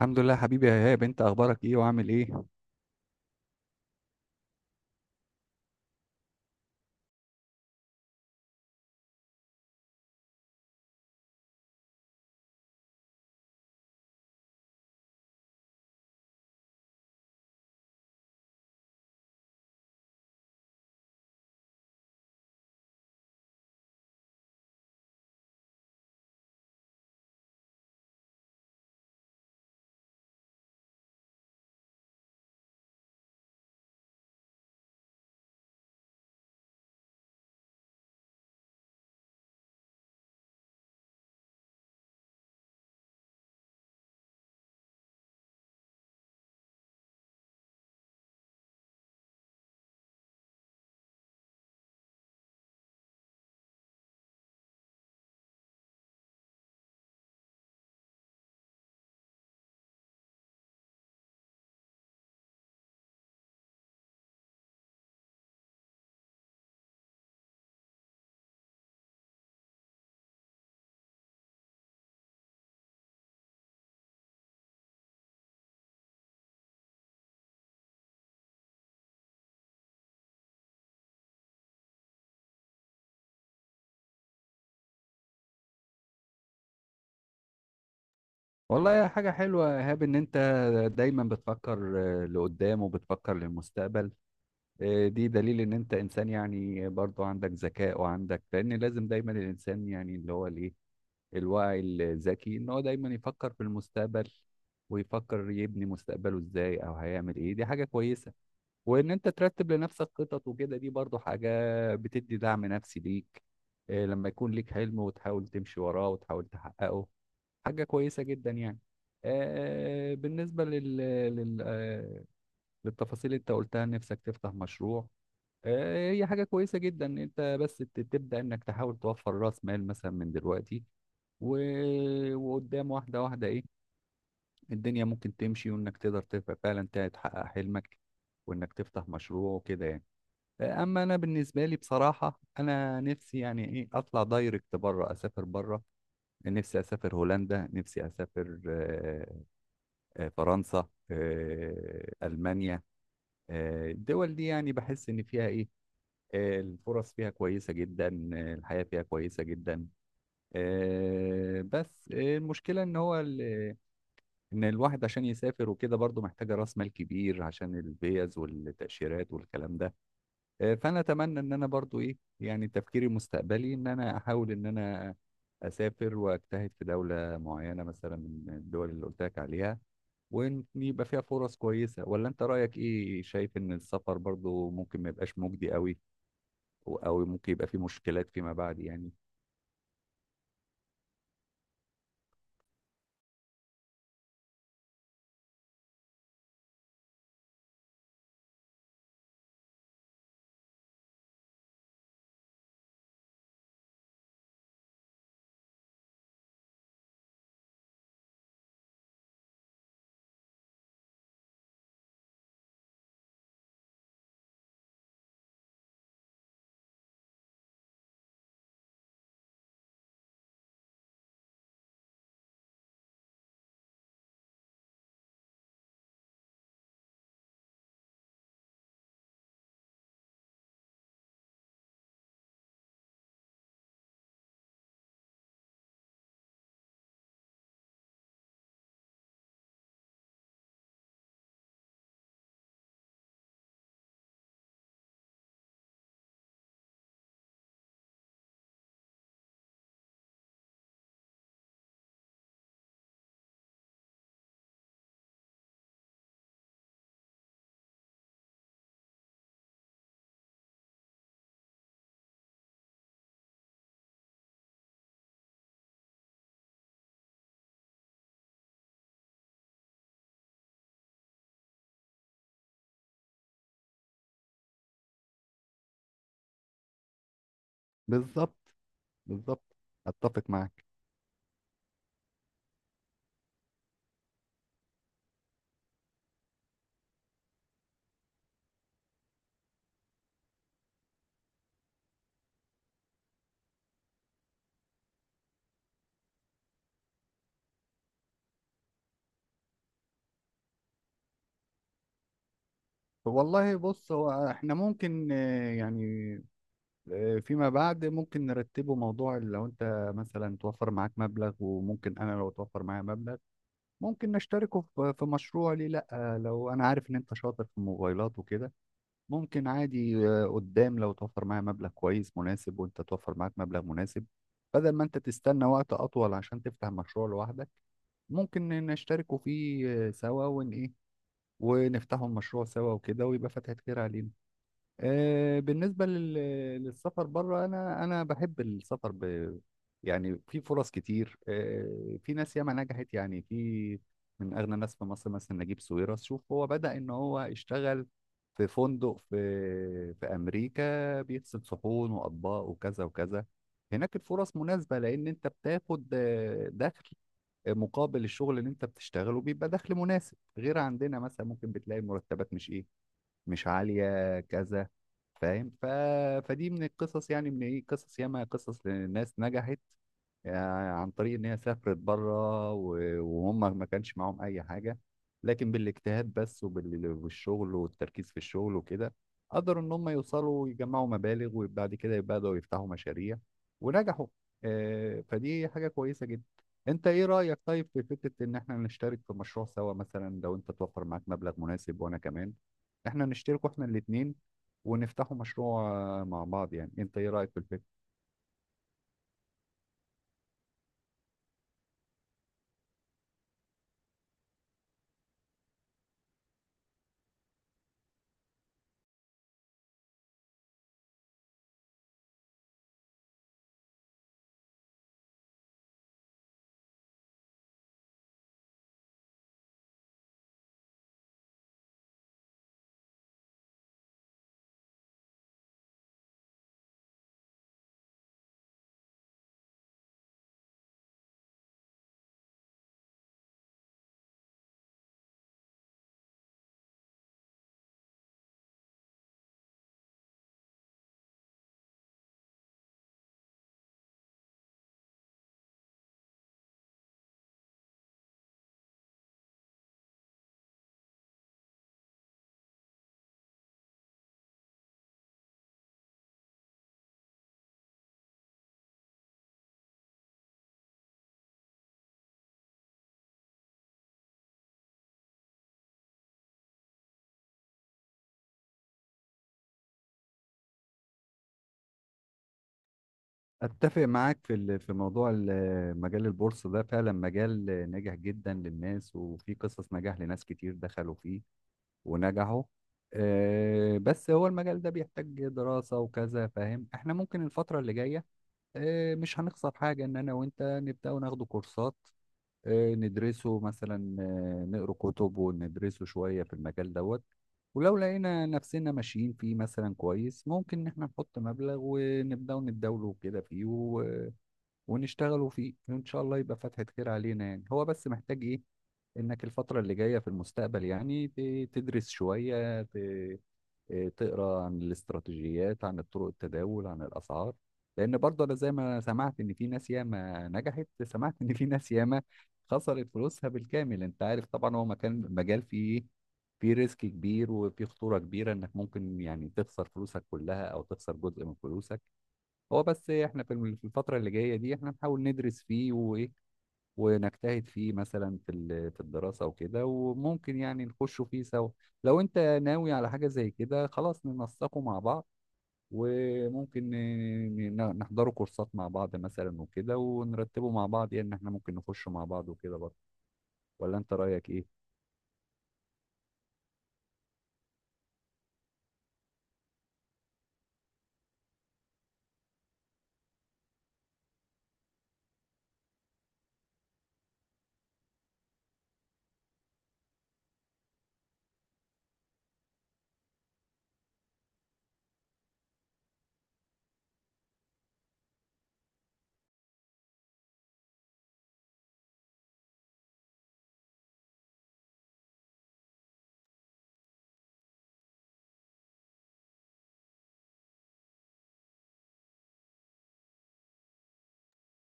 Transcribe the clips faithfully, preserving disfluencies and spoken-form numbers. الحمد لله حبيبي يا ايهاب، انت اخبارك ايه وعامل ايه؟ والله يا حاجه حلوه يا ايهاب ان انت دايما بتفكر آه، لقدام وبتفكر للمستقبل. آه، دي دليل ان انت انسان، يعني برضو عندك ذكاء وعندك، لان لازم دايما الانسان يعني اللي هو الايه، الواعي الذكي، ان هو دايما يفكر في المستقبل ويفكر يبني مستقبله ازاي او هيعمل ايه. دي حاجه كويسه، وان انت ترتب لنفسك خطط وكده دي برضو حاجة بتدي دعم نفسي ليك. آه، لما يكون ليك حلم وتحاول تمشي وراه وتحاول تحققه، حاجة كويسة جدا يعني. آه، بالنسبة لل... لل... آه، للتفاصيل اللي انت قلتها نفسك تفتح مشروع، آه، هي حاجة كويسة جدا ان انت بس ت- تبدأ انك تحاول توفر راس مال مثلا من دلوقتي. و... وقدام واحدة واحدة ايه، الدنيا ممكن تمشي وانك تقدر تف- فعلا تحقق حلمك وانك تفتح مشروع وكده يعني. اما انا بالنسبه لي بصراحه، انا نفسي يعني ايه اطلع دايركت بره، اسافر بره. نفسي اسافر هولندا، نفسي اسافر آه، آه، فرنسا، آه، المانيا. آه، الدول دي يعني بحس ان فيها ايه، آه، الفرص فيها كويسه جدا، آه، الحياه فيها كويسه جدا. آه، بس آه، المشكله ان هو ال- ان الواحد عشان يسافر وكده برضه محتاجه راس مال كبير عشان الفيز والتاشيرات والكلام ده. آه، فانا اتمنى ان انا برضو ايه، يعني تفكيري المستقبلي ان انا احاول ان انا اسافر واجتهد في دوله معينه مثلا من الدول اللي قلت لك عليها، وان يبقى فيها فرص كويسه. ولا انت رايك ايه؟ شايف ان السفر برضو ممكن ما يبقاش مجدي قوي، او أو ممكن يبقى فيه مشكلات فيما بعد يعني. بالظبط، بالظبط، اتفق معاك. والله بص، هو احنا ممكن آه، يعني آه، فيما بعد ممكن نرتبه موضوع. لو انت مثلا توفر معاك مبلغ، وممكن انا لو توفر معايا مبلغ، ممكن نشتركه في في مشروع، ليه لا؟ آه، لو انا عارف ان انت شاطر في الموبايلات وكده، ممكن عادي آه، قدام، لو توفر معايا مبلغ كويس مناسب وانت توفر معاك مبلغ مناسب، بدل ما انت تستنى وقت اطول عشان تفتح مشروع لوحدك، ممكن نشتركوا فيه آه، سوا ون ايه، ونفتحوا المشروع سوا وكده، ويبقى فتحة خير علينا. آه، بالنسبة لل- للسفر بره، أنا أنا بحب السفر ب... يعني في فرص كتير، آه، في ناس ياما نجحت، يعني في من أغنى ناس في مصر مثلا نجيب ساويرس، شوف هو بدأ إن هو اشتغل في فندق في في أمريكا بيغسل صحون وأطباق وكذا وكذا. هناك الفرص مناسبة، لأن أنت بتاخد آه، دخل مقابل الشغل اللي أنت بتشتغله، بيبقى دخل مناسب، غير عندنا مثلا ممكن بتلاقي المرتبات مش إيه، مش عالية كذا، فاهم؟ ف... فدي من القصص، يعني من ايه، قصص ياما، قصص لناس نجحت يعني عن طريق ان هي سافرت بره و- وهم ما كانش معاهم اي حاجه، لكن بالاجتهاد بس وبال- والشغل والتركيز في الشغل وكده، قدروا ان هم يوصلوا ويجمعوا مبالغ، وبعد كده بدأوا يفتحوا مشاريع ونجحوا. آه، فدي حاجه كويسه جدا. انت ايه رأيك طيب في فكره ان احنا نشترك في مشروع سوا؟ مثلا لو انت توفر معاك مبلغ مناسب وانا كمان، احنا نشترك احنا الاثنين ونفتحوا مشروع آه، مع بعض، يعني انت ايه رأيك في الفكره؟ اتفق معاك في ال- في موضوع ال- مجال البورصه ده، فعلا مجال ناجح جدا للناس، وفي قصص نجاح لناس كتير دخلوا فيه ونجحوا. آه، بس هو المجال ده بيحتاج دراسه وكذا، فاهم؟ احنا ممكن الفتره اللي جايه آه، مش هنخسر حاجه ان انا وانت نبدا وناخده كورسات، آه، ندرسه مثلا، آه، نقرا كتب وندرسه شويه في المجال دوت. ولو لقينا نفسنا ماشيين فيه مثلا كويس، ممكن ان احنا نحط مبلغ ونبدأ نتداوله كده فيه ونشتغلوا فيه، وإن شاء الله يبقى فتحة خير علينا. يعني هو بس محتاج إيه؟ إنك الفترة اللي جاية في المستقبل يعني ت- تدرس شوية ت- آه، تقرأ عن الاستراتيجيات، عن طرق التداول، عن الأسعار. لأن برضه أنا زي ما سمعت إن في ناس ياما نجحت، سمعت إن في ناس ياما خسرت فلوسها بالكامل. أنت عارف طبعا هو مكان مجال فيه إيه، في ريسك كبير وفي خطورة كبيرة، إنك ممكن يعني تخسر فلوسك كلها أو تخسر جزء من فلوسك. هو بس إيه، احنا في الم- في الفترة اللي جاية دي احنا نحاول ندرس فيه وايه، ونجتهد فيه مثلا في ال- في الدراسة وكده، وممكن يعني نخشوا فيه سوا. لو انت ناوي على حاجة زي كده، خلاص ننسقه مع بعض، وممكن ن- ن- نحضروا كورسات مع بعض مثلا وكده، ونرتبه مع بعض، يعني ان احنا ممكن نخش مع بعض وكده برضه. ولا انت رأيك ايه؟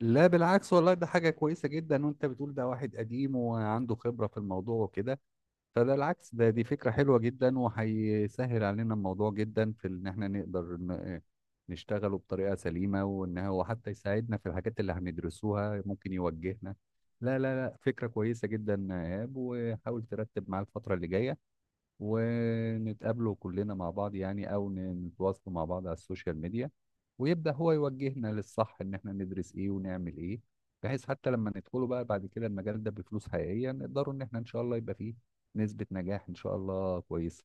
لا بالعكس والله، ده حاجة كويسة جدا، وانت بتقول ده واحد قديم وعنده خبرة في الموضوع وكده، فده العكس، ده دي فكرة حلوة جدا، وهيسهل علينا الموضوع جدا في ان احنا نقدر ن- نشتغله بطريقة سليمة، وان هو حتى يساعدنا في الحاجات اللي هندرسوها ممكن يوجهنا. لا لا لا، فكرة كويسة جدا يا ايهاب، وحاول ترتب معاه الفترة اللي جاية، ونتقابلوا كلنا مع بعض، يعني او ن- نتواصلوا مع بعض على السوشيال ميديا، ويبدأ هو يوجهنا للصح ان احنا ندرس ايه ونعمل ايه، بحيث حتى لما ندخله بقى بعد كده المجال ده بفلوس حقيقية، نقدروا ان احنا ان شاء الله يبقى فيه نسبة نجاح ان شاء الله كويسة.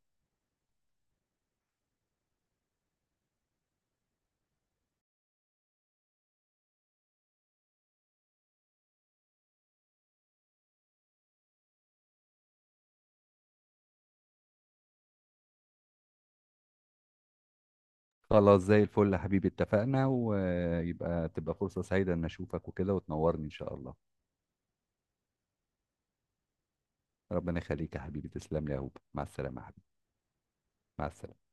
خلاص زي الفل يا حبيبي، اتفقنا، ويبقى تبقى فرصة سعيدة ان اشوفك وكده وتنورني ان شاء الله. ربنا يخليك يا حبيبي، تسلم لي يا هوب، مع السلامة يا حبيبي. مع السلامة.